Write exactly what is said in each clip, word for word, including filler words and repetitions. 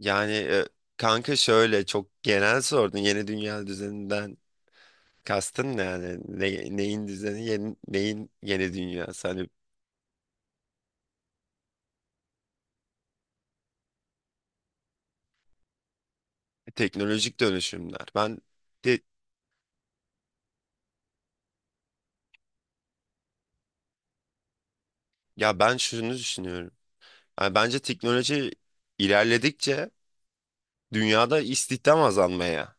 Yani e, kanka şöyle çok genel sordun. Yeni dünya düzeninden kastın ne yani? Ne- neyin düzeni, yeni- neyin yeni dünyası? Hani teknolojik dönüşümler. Ben de ya Ben şunu düşünüyorum. Yani bence teknoloji ilerledikçe dünyada istihdam azalmaya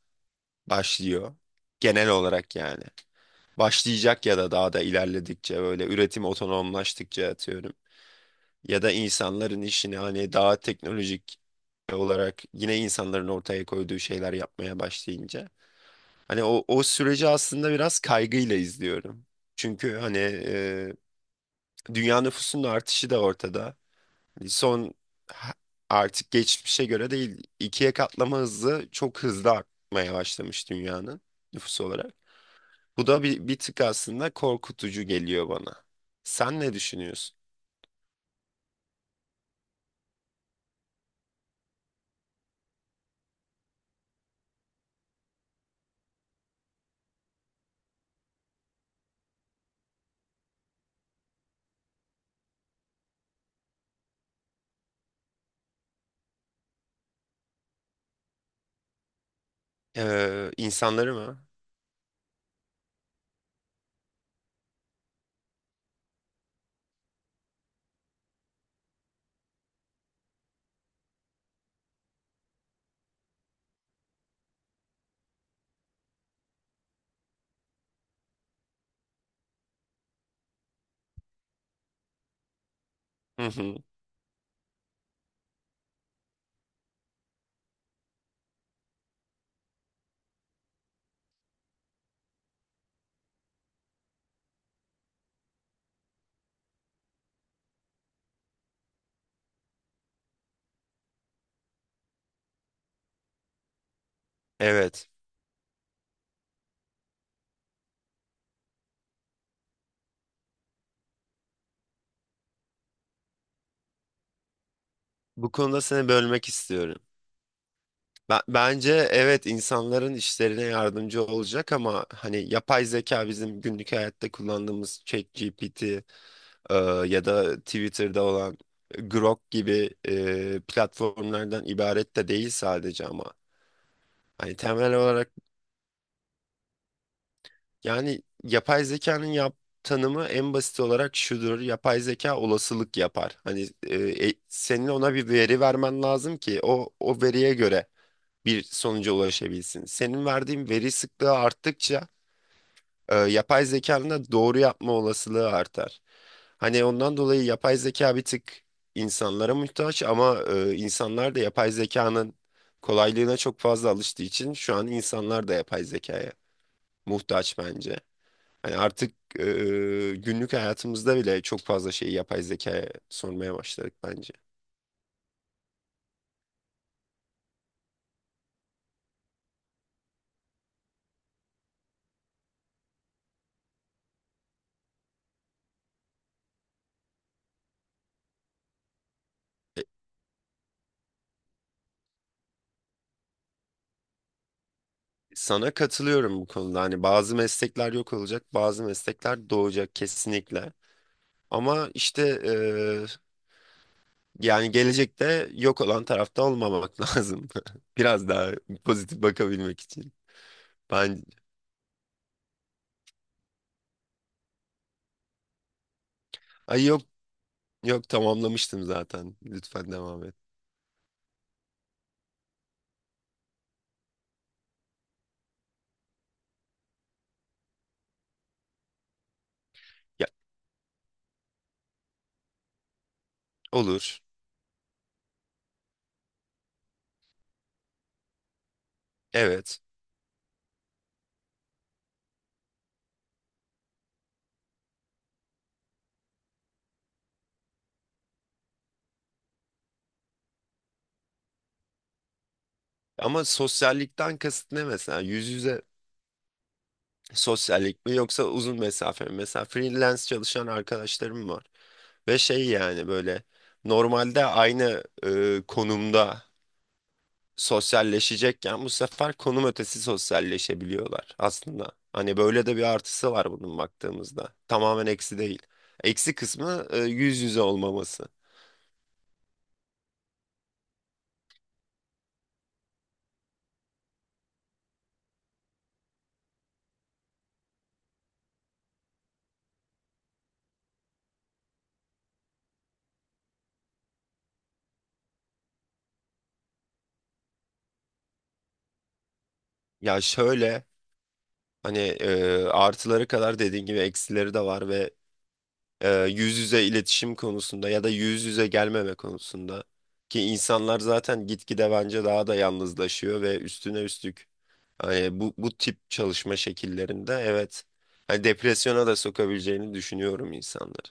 başlıyor. Genel olarak yani. Başlayacak ya da daha da ilerledikçe böyle üretim otonomlaştıkça atıyorum. Ya da insanların işini hani daha teknolojik olarak yine insanların ortaya koyduğu şeyler yapmaya başlayınca hani o o süreci aslında biraz kaygıyla izliyorum. Çünkü hani e, dünya nüfusunun artışı da ortada. Hani, Son ha- Artık geçmişe göre değil ikiye katlama hızı çok hızlı artmaya başlamış dünyanın nüfusu olarak. Bu da bir, bir tık aslında korkutucu geliyor bana. Sen ne düşünüyorsun? Ee, insanları mı? Hı hı. Evet. Bu konuda seni bölmek istiyorum. Ben, bence evet, insanların işlerine yardımcı olacak ama hani yapay zeka bizim günlük hayatta kullandığımız ChatGPT e, ya da Twitter'da olan Grok gibi e, platformlardan ibaret de değil sadece ama. Hani temel olarak yani yapay zekanın yap tanımı en basit olarak şudur. Yapay zeka olasılık yapar. Hani e, e, senin ona bir veri vermen lazım ki o o veriye göre bir sonuca ulaşabilsin. Senin verdiğin veri sıklığı arttıkça e, yapay zekanın da doğru yapma olasılığı artar. Hani ondan dolayı yapay zeka bir tık insanlara muhtaç ama e, insanlar da yapay zekanın kolaylığına çok fazla alıştığı için şu an insanlar da yapay zekaya muhtaç bence. Hani artık e, e, günlük hayatımızda bile çok fazla şeyi yapay zekaya sormaya başladık bence. Sana katılıyorum bu konuda. Hani bazı meslekler yok olacak, bazı meslekler doğacak kesinlikle. Ama işte eee, yani gelecekte yok olan tarafta olmamak lazım. Biraz daha pozitif bakabilmek için. Ben ay yok Yok, tamamlamıştım zaten. Lütfen devam et. Ya, olur. Evet. Ama sosyallikten kasıt ne mesela? Yüz yüze sosyallik mi yoksa uzun mesafe mi? Mesela freelance çalışan arkadaşlarım var. Ve şey, yani böyle normalde aynı e, konumda sosyalleşecekken bu sefer konum ötesi sosyalleşebiliyorlar aslında. Hani böyle de bir artısı var bunun baktığımızda. Tamamen eksi değil. Eksi kısmı e, yüz yüze olmaması. Ya şöyle, hani e, artıları kadar dediğin gibi eksileri de var ve e, yüz yüze iletişim konusunda ya da yüz yüze gelmeme konusunda ki insanlar zaten gitgide bence daha da yalnızlaşıyor ve üstüne üstlük hani bu, bu tip çalışma şekillerinde evet, hani depresyona da sokabileceğini düşünüyorum insanları.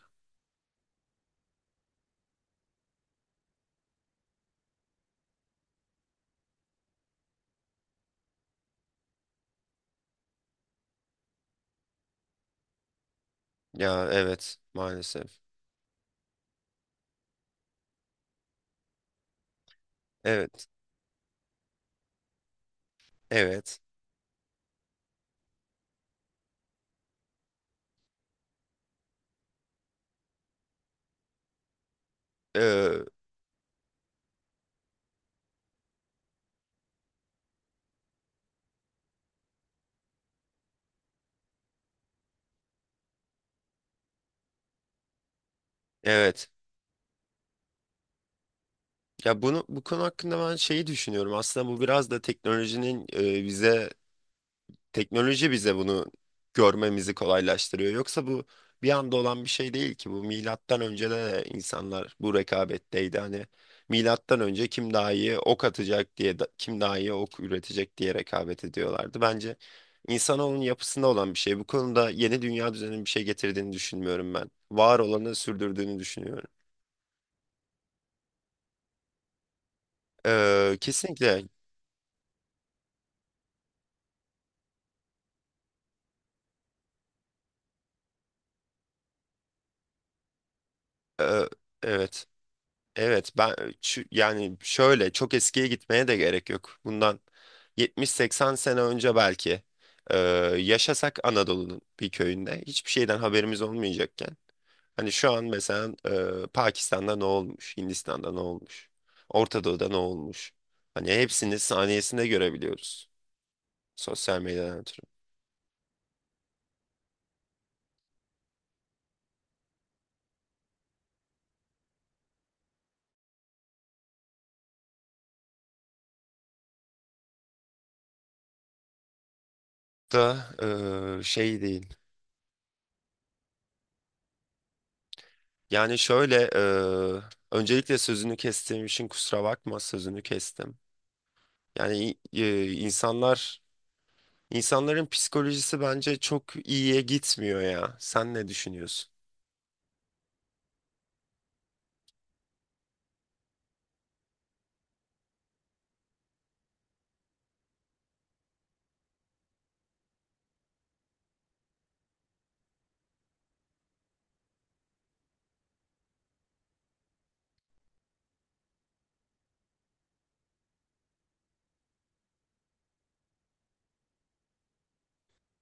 Ya evet, maalesef. Evet. Evet. Ee, evet. Ya bunu bu konu hakkında ben şeyi düşünüyorum. Aslında bu biraz da teknolojinin e, bize teknoloji bize bunu görmemizi kolaylaştırıyor. Yoksa bu bir anda olan bir şey değil ki. Bu milattan önce de insanlar bu rekabetteydi. Hani milattan önce kim daha iyi ok atacak diye, da- kim daha iyi ok üretecek diye rekabet ediyorlardı. Bence insanoğlunun yapısında olan bir şey. Bu konuda yeni dünya düzeninin bir şey getirdiğini düşünmüyorum ben. Var olanı sürdürdüğünü düşünüyorum. Ee, kesinlikle. Ee, evet. Evet, ben çü- yani şöyle çok eskiye gitmeye de gerek yok. Bundan yetmiş seksen sene önce belki e, yaşasak Anadolu'nun bir köyünde hiçbir şeyden haberimiz olmayacakken hani şu an mesela e, Pakistan'da ne olmuş, Hindistan'da ne olmuş, Orta Doğu'da ne olmuş? Hani hepsini saniyesinde görebiliyoruz sosyal medyadan ötürü. Da e, Şey değil. Yani şöyle, e, öncelikle sözünü kestiğim için kusura bakma, sözünü kestim. Yani e, insanlar insanların psikolojisi bence çok iyiye gitmiyor ya. Sen ne düşünüyorsun?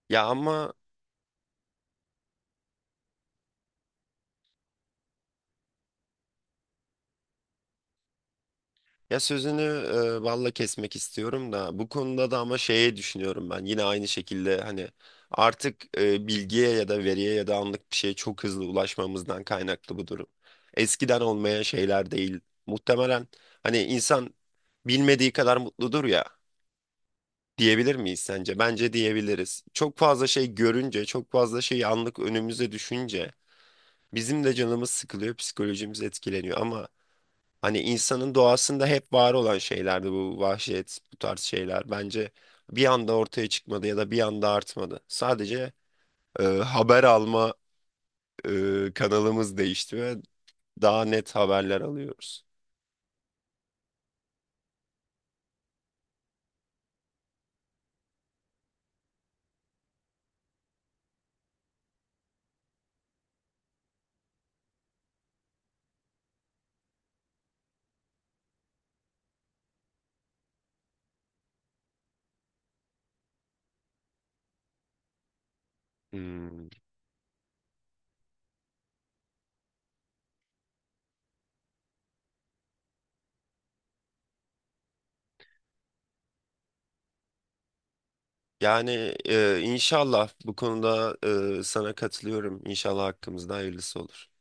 Ya ama ya sözünü e, balla kesmek istiyorum da bu konuda da ama şeye düşünüyorum ben. Yine aynı şekilde hani artık e, bilgiye ya da veriye ya da anlık bir şeye çok hızlı ulaşmamızdan kaynaklı bu durum. Eskiden olmayan şeyler değil. Muhtemelen hani insan bilmediği kadar mutludur ya. Diyebilir miyiz sence? Bence diyebiliriz. Çok fazla şey görünce, çok fazla şey anlık önümüze düşünce bizim de canımız sıkılıyor, psikolojimiz etkileniyor ama hani insanın doğasında hep var olan şeylerdi bu vahşet, bu tarz şeyler. Bence bir anda ortaya çıkmadı ya da bir anda artmadı. Sadece e, haber alma e, kanalımız değişti ve daha net haberler alıyoruz. Hmm. Yani e, inşallah bu konuda e, sana katılıyorum. İnşallah hakkımızda hayırlısı olur.